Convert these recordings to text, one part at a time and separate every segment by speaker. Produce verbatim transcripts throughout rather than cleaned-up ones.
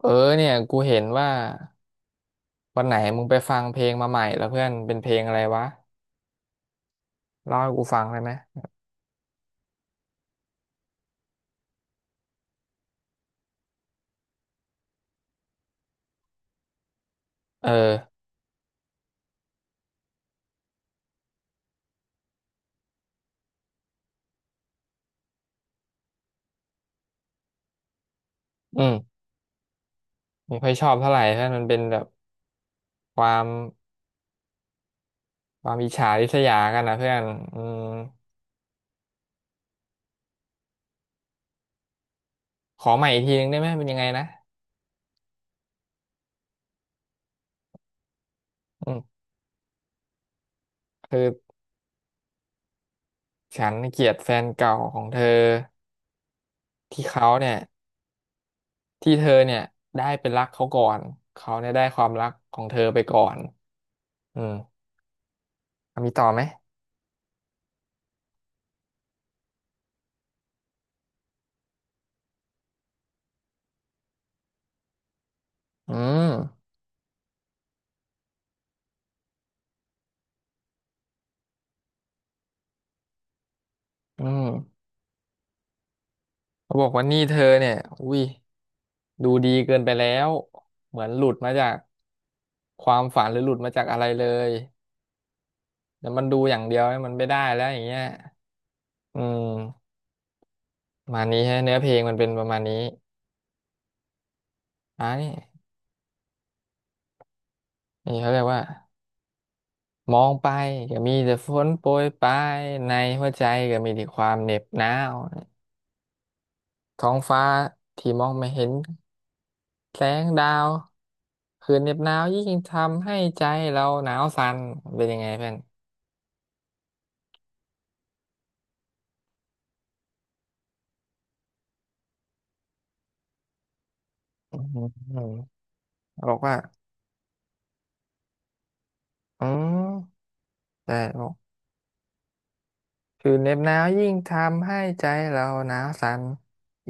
Speaker 1: เออเนี่ยกูเห็นว่าวันไหนมึงไปฟังเพลงมาใหม่แล้วเพื่อนเป็นเพลงอะไรวะเล่าให้กูฟังได้ไหมเอออืมไม่ค่อยชอบเท่าไหร่เพื่อนมันเป็นแบบความความอิจฉาริษยากันนะเพื่อนอืมขอใหม่อีกทีนึงได้ไหมเป็นยังไงนะอืมคือฉันเกลียดแฟนเก่าของเธอที่เขาเนี่ยที่เธอเนี่ยได้เป็นรักเขาก่อนเขาเนี่ยได้ความรักของเธอไปก่อนอืมมีต่อไหมอืมอืม เขาบอกว่านี่เธอเนี่ยอุ้ยดูดีเกินไปแล้วเหมือนหลุดมาจากความฝันหรือหลุดมาจากอะไรเลยแต่มันดูอย่างเดียวเนี่ยมันไม่ได้แล้วอย่างเงี้ยอืมประมาณนี้ฮะเนื้อเพลงมันเป็นประมาณนี้อ่านี่นี่เขาเรียกว่ามองไปก็มีแต่ฝนโปรยปลายในหัวใจก็มีแต่ความเหน็บหนาวท้องฟ้าที่มองไม่เห็นแสงดาวคืนเหน็บหนาวยิ่งทำให้ใจเราหนาวสั่นเป็นยังไงเพื่อน อืมบอกว่าอืมแต่บอกคือเหน็บหนาวยิ่งทำให้ใจเราหนาวสั่น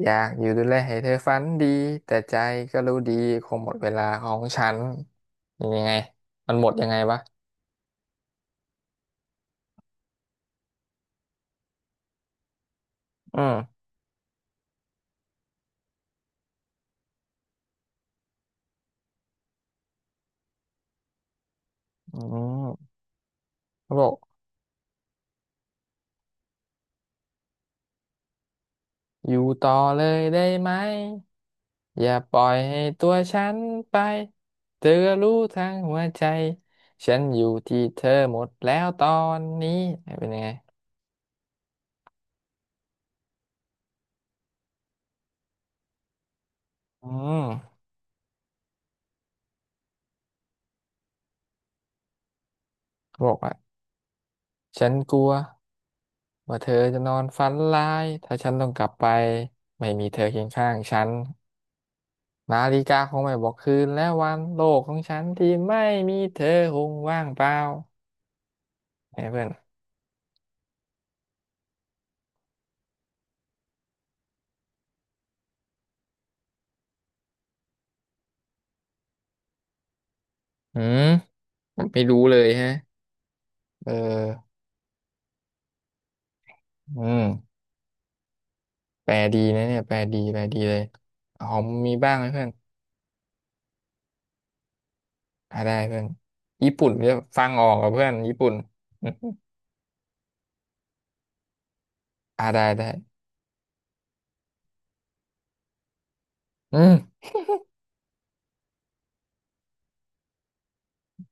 Speaker 1: อยากอยู่ดูแลให้เธอฝันดีแต่ใจก็รู้ดีคงหมดเวลาของฉันยังไงมันหมดยังไงวะอืมอืมเขาบอกอยู่ต่อเลยได้ไหมอย่าปล่อยให้ตัวฉันไป เธอรู้ทั้งหัวใจฉันอยู่ที่เธอหมดแล้วตอนนี้เป็นยังไงอืมเขาบอกว่า ฉันกลัวว่าเธอจะนอนฝันร้ายถ้าฉันต้องกลับไปไม่มีเธอเคียงข้างฉันนาฬิกาคงไม่บอกคืนและวันโลกของฉันที่ไม่มีเธอคงว่างเปล่าไงเพื่อนอืมไม่รู้เลยฮะเอออืมแปลดีนะเนี่ยแปลดีแปลดีเลยหอมมีบ้างไหมเพื่อนอ่าได้เพื่อนญี่ปุ่นเนี่ยฟังออกกับเพื่อนญี่ปุ่นอ่าได้ได้อืม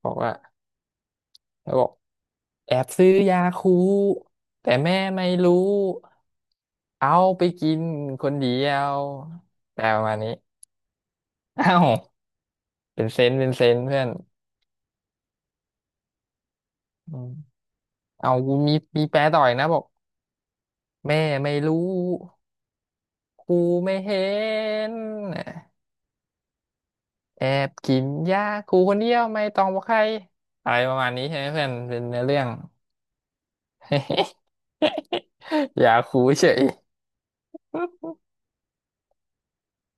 Speaker 1: บอกว่าแล้วบอก แอบซื้อยาคูแต่แม่ไม่รู้เอาไปกินคนเดียวแปลประมาณนี้เอ้าเป็นเซนส์เป็นเซนส์เพื่อนอืมเอากูมีมีแปลต่อยนะบอกแม่ไม่รู้ครูไม่เห็นแอบกินยาครูคนเดียวไม่ต้องบอกใครอะไรประมาณนี้ใช่ไหมเพื่อนเป็นเนื้อเรื่อง ยาครูเฉย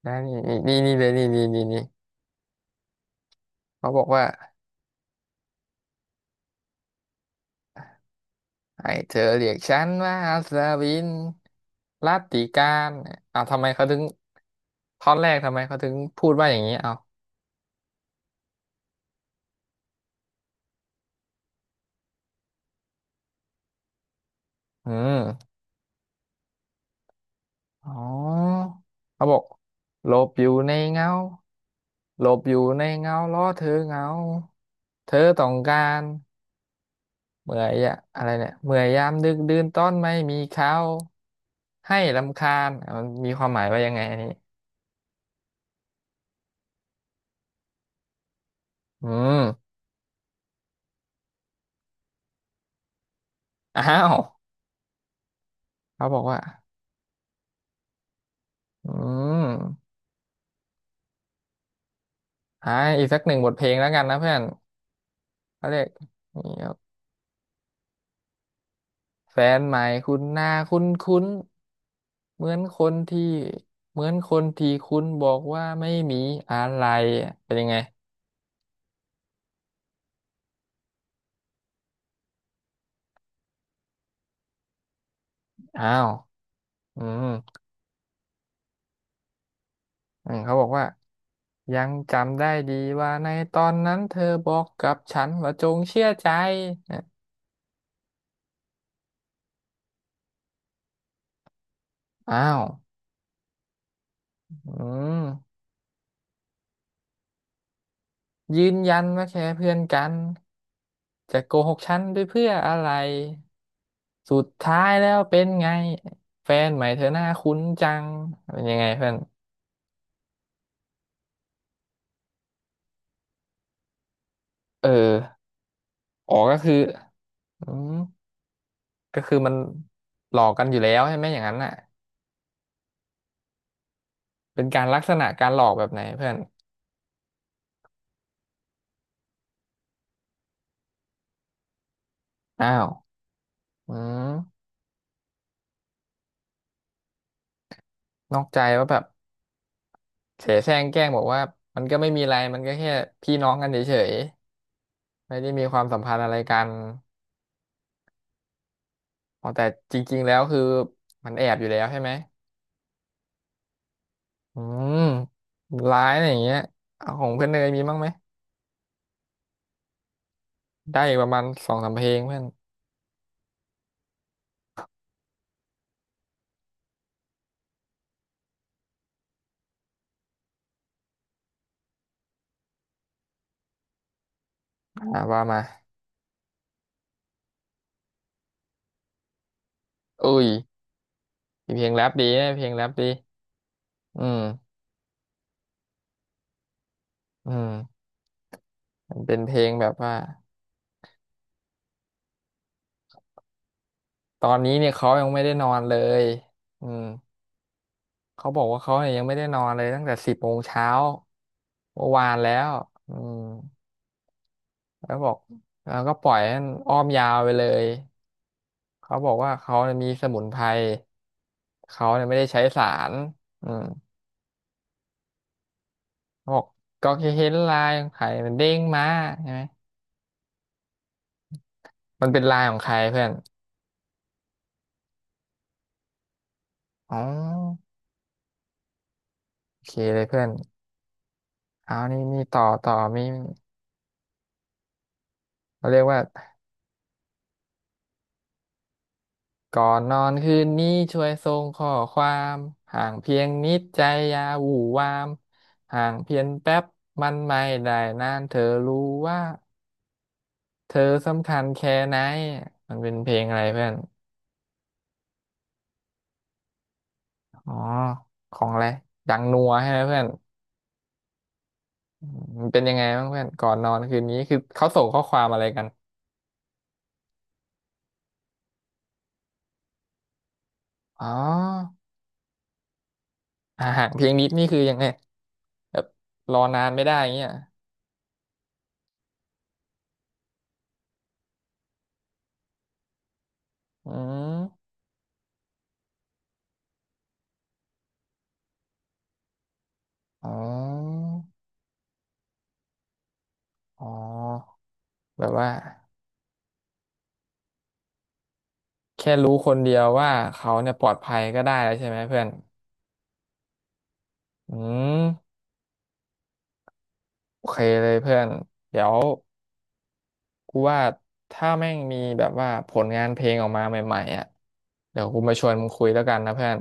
Speaker 1: นะนี่นี่นี่นี่เลยนี่นี่นี่นี่เขาบอกว่า ให้เธอเรียกฉันว่าสวินรัตติการเอาทำไมเขาถึงท่อนแรกทำไมเขาถึงพูดว่าอย่างนี้เอาอืมอ๋อเขาบอกหลบอยู่ในเงาหลบอยู่ในเงาล้อเธอเหงาเธอต้องการเมื่อยอะอะไรเนี่ยเมื่อยยามดึกดื่นต้อนไม่มีเขาให้รำคาญอ่ะมันมีความหมายว่ายังไงอันนี้อืมอ้าวเขาบอกว่าอืม อ่าอีกสักหนึ่งบทเพลงแล้วกันนะเพื่อนเขาเรียกนี่ครับแฟนใหม่คุณหน้าคุ้นคุ้นเหมือนคนที่เหมือนคนที่คุณบอกว่าไม่มีอะไรอ่ะเป็นยังไงอ้าวอืมอืมเขาบอกว่ายังจำได้ดีว่าในตอนนั้นเธอบอกกับฉันว่าจงเชื่อใจเนี่ยอ้าวอืมยืนยันว่าแค่เพื่อนกันจะโกหกฉันด้วยเพื่ออะไร สุดท้ายแล้วเป็นไงแฟนใหม่เธอหน้าคุ้นจังเป็นยังไงเพื่อนเอออ๋อก็คืออืมก็คือมันหลอกกันอยู่แล้วใช่ไหมอย่างนั้นน่ะเป็นการลักษณะการหลอกแบบไหนเพื่อนอ้าวอืมนอกใจว่าแบบเสแสร้งแกล้งบอกว่ามันก็ไม่มีอะไรมันก็แค่พี่น้องกันเฉยๆไม่ได้มีความสัมพันธ์อะไรกันอ๋อแต่จริงๆแล้วคือมันแอบอยู่แล้วใช่ไหมอืมร้ายอะไรอย่างเงี้ยเอาของเพื่อนเนยมีบ้างไหม ได้อีกประมาณสองสามเพลงเพื่อนอ่าว่ามาเอ้ยมีเพลงแรปดีนะเพลงแรปดีอืมอืมมันเป็นเพลงแบบว่าตอนนี้เนี่ยเขายังไม่ได้นอนเลยอืมเขาบอกว่าเขาเนี่ยยังไม่ได้นอนเลยตั้งแต่สิบโมงเช้าเมื่อวานแล้วอืมแล้วบอกแล้วก็ปล่อยให้มันอ้อมยาวไปเลยเขาบอกว่าเขาเนี่ยมีสมุนไพรเขาเนี่ยไม่ได้ใช้สารอืมเขาบอกก็แค่เห็นลายของไข่มันเด้งมาใช่ไหม มันเป็นไลน์ของใครเพื่อนอ๋อโอเคเลยเพื่อนเอานี่นี่ต่อต่อมีเราเรียกว่าก่อนนอนคืนนี้ช่วยส่งข้อความห่างเพียงนิดใจอย่าหวู่วามห่างเพียงแป๊บมันไม่ได้นานเธอรู้ว่าเธอสำคัญแค่ไหนมันเป็นเพลงอะไรเพื่อนอ๋อของอะไรดังนัวใช่ไหมเพื่อนอืมมันเป็นยังไงบ้างเพื่อนก่อนนอนคืนนี้คือเขาส่งข้อความอะไรกันอ๋ออ่าห่างเพียงนิดนี่คือยังไง แบบรอนานไม่ได้เงี้ยอืมอ๋ออ๋อแบบว่าแค่รู้คนเดียวว่าเขาเนี่ยปลอดภัยก็ได้แล้วใช่ไหมเพื่อนอืมโอเคเลยเพื่อนเดี๋ยวกูว่าถ้าแม่งมีแบบว่าผลงานเพลงออกมาใหม่ๆอ่ะเดี๋ยวกูมาชวนมึงคุยแล้วกันนะเพื่อน